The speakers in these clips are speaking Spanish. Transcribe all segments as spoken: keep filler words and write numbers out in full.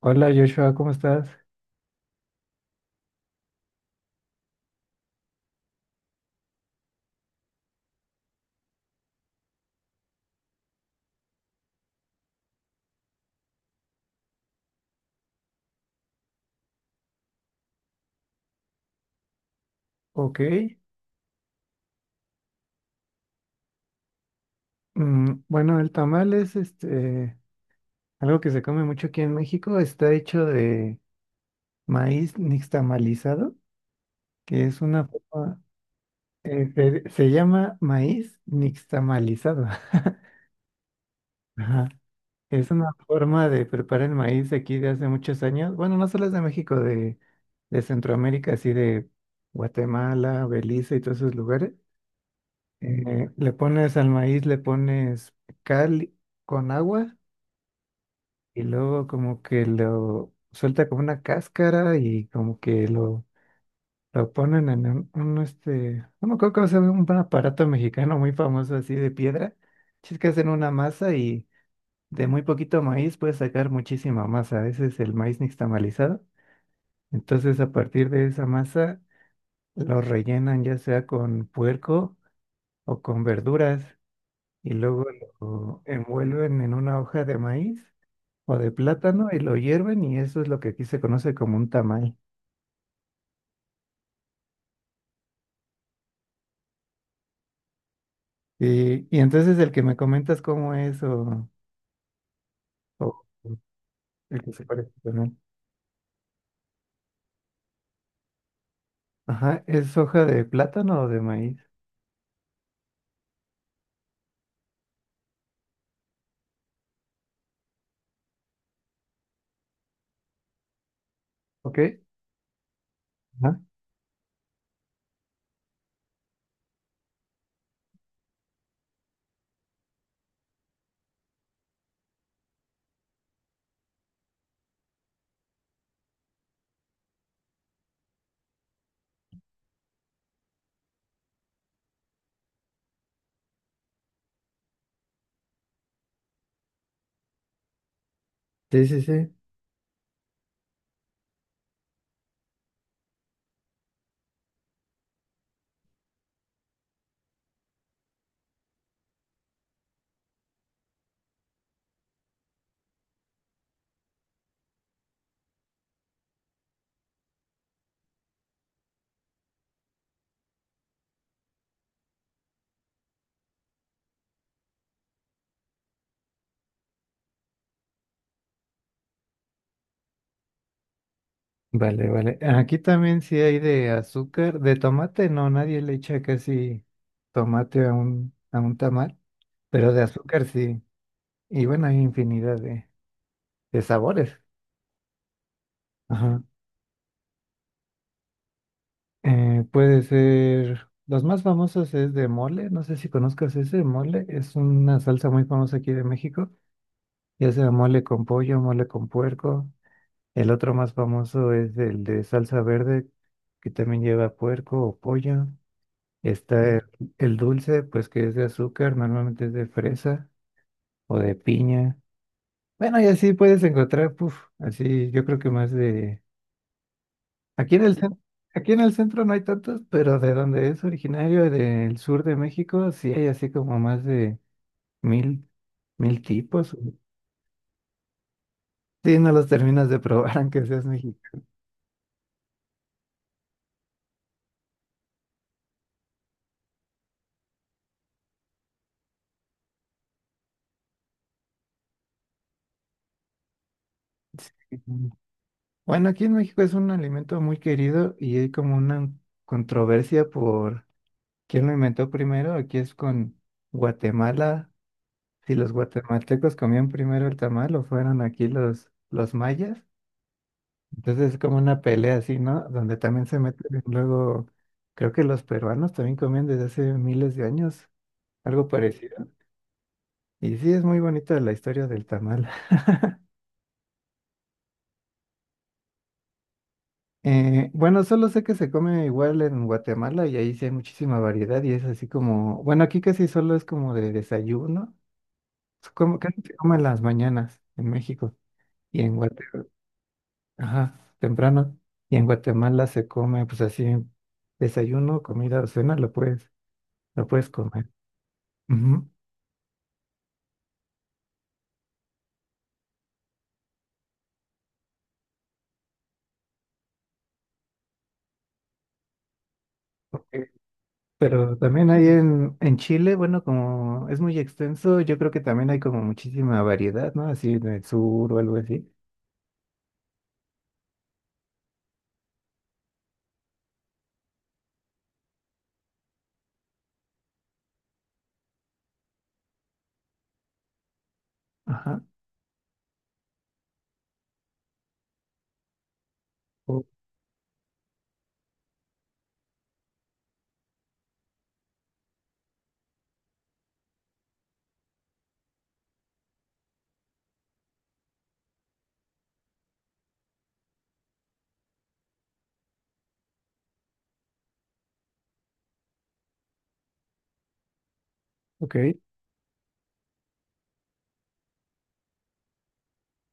Hola, Joshua, ¿cómo estás? Ok. Mm, bueno, el tamal es este, algo que se come mucho aquí en México. Está hecho de maíz nixtamalizado, que es una forma, se, se llama maíz nixtamalizado. Ajá. Es una forma de preparar el maíz aquí de hace muchos años. Bueno, no solo es de México, de, de Centroamérica, así de Guatemala, Belice y todos esos lugares. Eh, le pones al maíz, le pones cal con agua. Y luego como que lo suelta como una cáscara y como que lo, lo ponen en un, un, este, no me acuerdo cómo se llama, un aparato mexicano muy famoso así de piedra. Es que hacen una masa y de muy poquito maíz puedes sacar muchísima masa. Ese es el maíz nixtamalizado. Entonces, a partir de esa masa lo rellenan ya sea con puerco o con verduras, y luego lo envuelven en una hoja de maíz o de plátano y lo hierven, y eso es lo que aquí se conoce como un tamal. Y, y entonces el que me comentas cómo es, o, o el que se parece con él. Ajá, ¿es hoja de plátano o de maíz? Ok. Ajá. Sí, sí, sí. Vale, vale. Aquí también sí hay de azúcar, de tomate, no, nadie le echa casi tomate a un, a un tamal, pero de azúcar sí. Y bueno, hay infinidad de, de sabores. Ajá. Eh, puede ser, los más famosos es de mole, no sé si conozcas ese mole, es una salsa muy famosa aquí de México, ya sea mole con pollo, mole con puerco. El otro más famoso es el de salsa verde, que también lleva puerco o pollo. Está el, el dulce, pues que es de azúcar, normalmente es de fresa o de piña. Bueno, y así puedes encontrar, puf, así yo creo que más de... Aquí en el centro, aquí en el centro no hay tantos, pero de donde es originario, del sur de México, sí hay así como más de mil, mil tipos. Sí, no los terminas de probar aunque seas mexicano. Sí. Bueno, aquí en México es un alimento muy querido y hay como una controversia por quién lo inventó primero. Aquí es con Guatemala, si los guatemaltecos comían primero el tamal o fueron aquí los, los mayas. Entonces es como una pelea así, ¿no? Donde también se meten luego, creo que los peruanos también comían desde hace miles de años algo parecido. Y sí, es muy bonita la historia del tamal. Eh, bueno, solo sé que se come igual en Guatemala y ahí sí hay muchísima variedad y es así como, bueno, aquí casi solo es como de desayuno, es como casi se come en las mañanas en México y en Guatemala, ajá, temprano. Y en Guatemala se come pues así, desayuno, comida, cena, lo puedes, lo puedes comer. Ujú. Ok. Pero también hay en, en Chile, bueno, como es muy extenso, yo creo que también hay como muchísima variedad, ¿no? Así en el sur o algo así. Ajá. Oh, ok.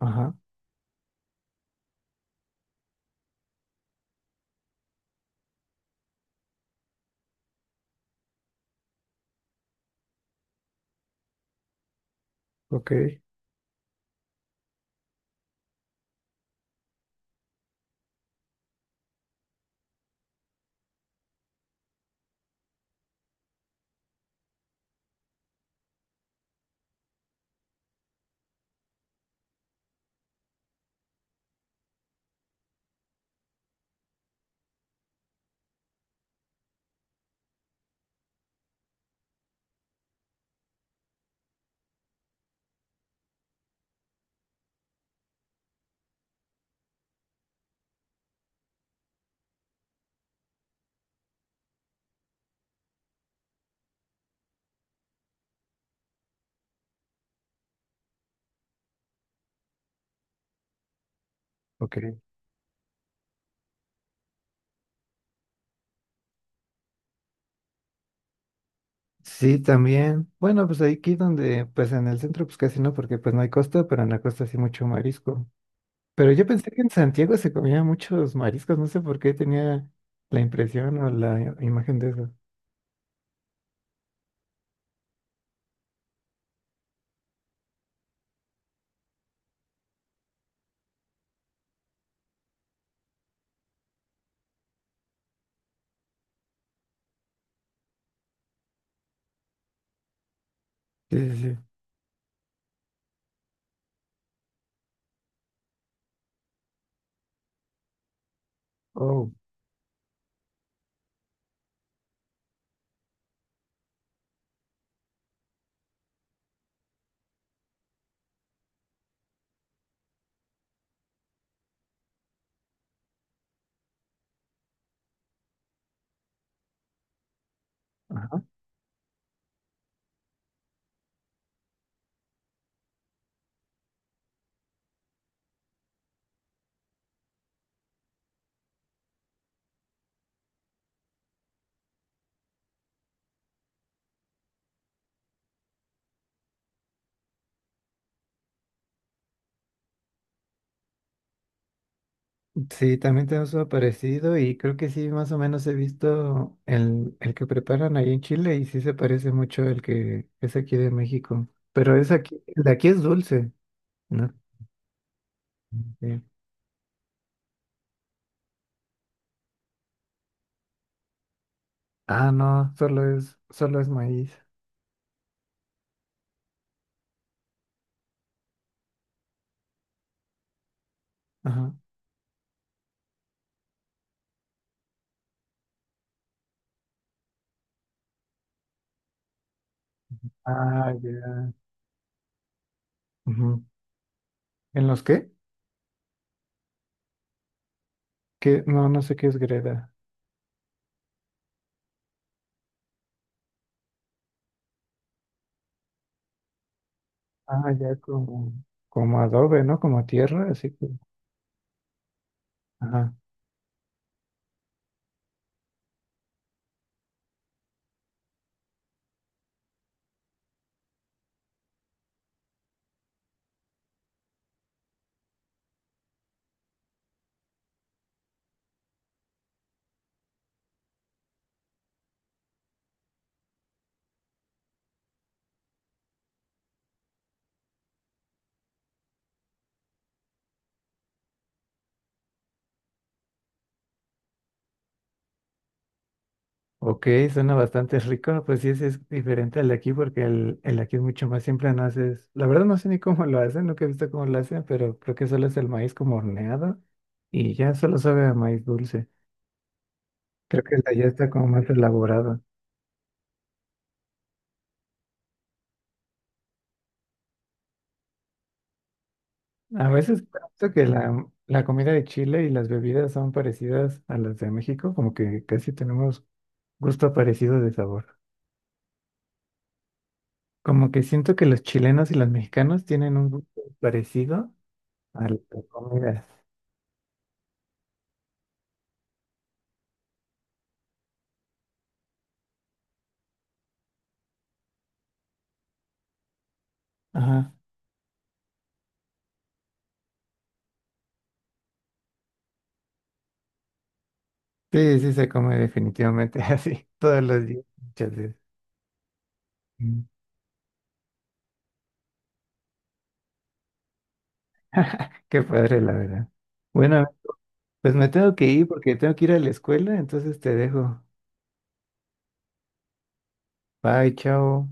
Ajá. Ok, ok. Sí, también. Bueno, pues aquí donde, pues en el centro, pues casi no, porque pues no hay costa, pero en la costa sí mucho marisco. Pero yo pensé que en Santiago se comía muchos mariscos, no sé por qué tenía la impresión o la imagen de eso. Sí, sí, sí. Oh. Ajá. Sí, también tenemos uno parecido y creo que sí, más o menos he visto el, el que preparan ahí en Chile y sí se parece mucho al que es aquí de México. Pero es aquí, el de aquí es dulce, ¿no? Sí. Ah, no, solo es, solo es maíz. Ajá. Ah, ya. Ujú. ¿En los qué? ¿Qué? No, no sé qué es greda. Ah, ya como, como adobe, ¿no? Como tierra, así que. Ajá. Ok, suena bastante rico, pues sí, ese es diferente al de aquí porque el, el de aquí es mucho más simple, no haces, la verdad no sé ni cómo lo hacen, nunca he visto cómo lo hacen, pero creo que solo es el maíz como horneado y ya solo sabe a maíz dulce. Creo que el de allá está como más elaborado. A veces pienso que la, la comida de Chile y las bebidas son parecidas a las de México, como que casi tenemos gusto parecido de sabor. Como que siento que los chilenos y los mexicanos tienen un gusto parecido a la comida. Ajá. Sí, sí se come definitivamente así, todos los días, muchas veces. Mm. Qué padre, la verdad. Bueno, pues me tengo que ir porque tengo que ir a la escuela, entonces te dejo. Bye, chao.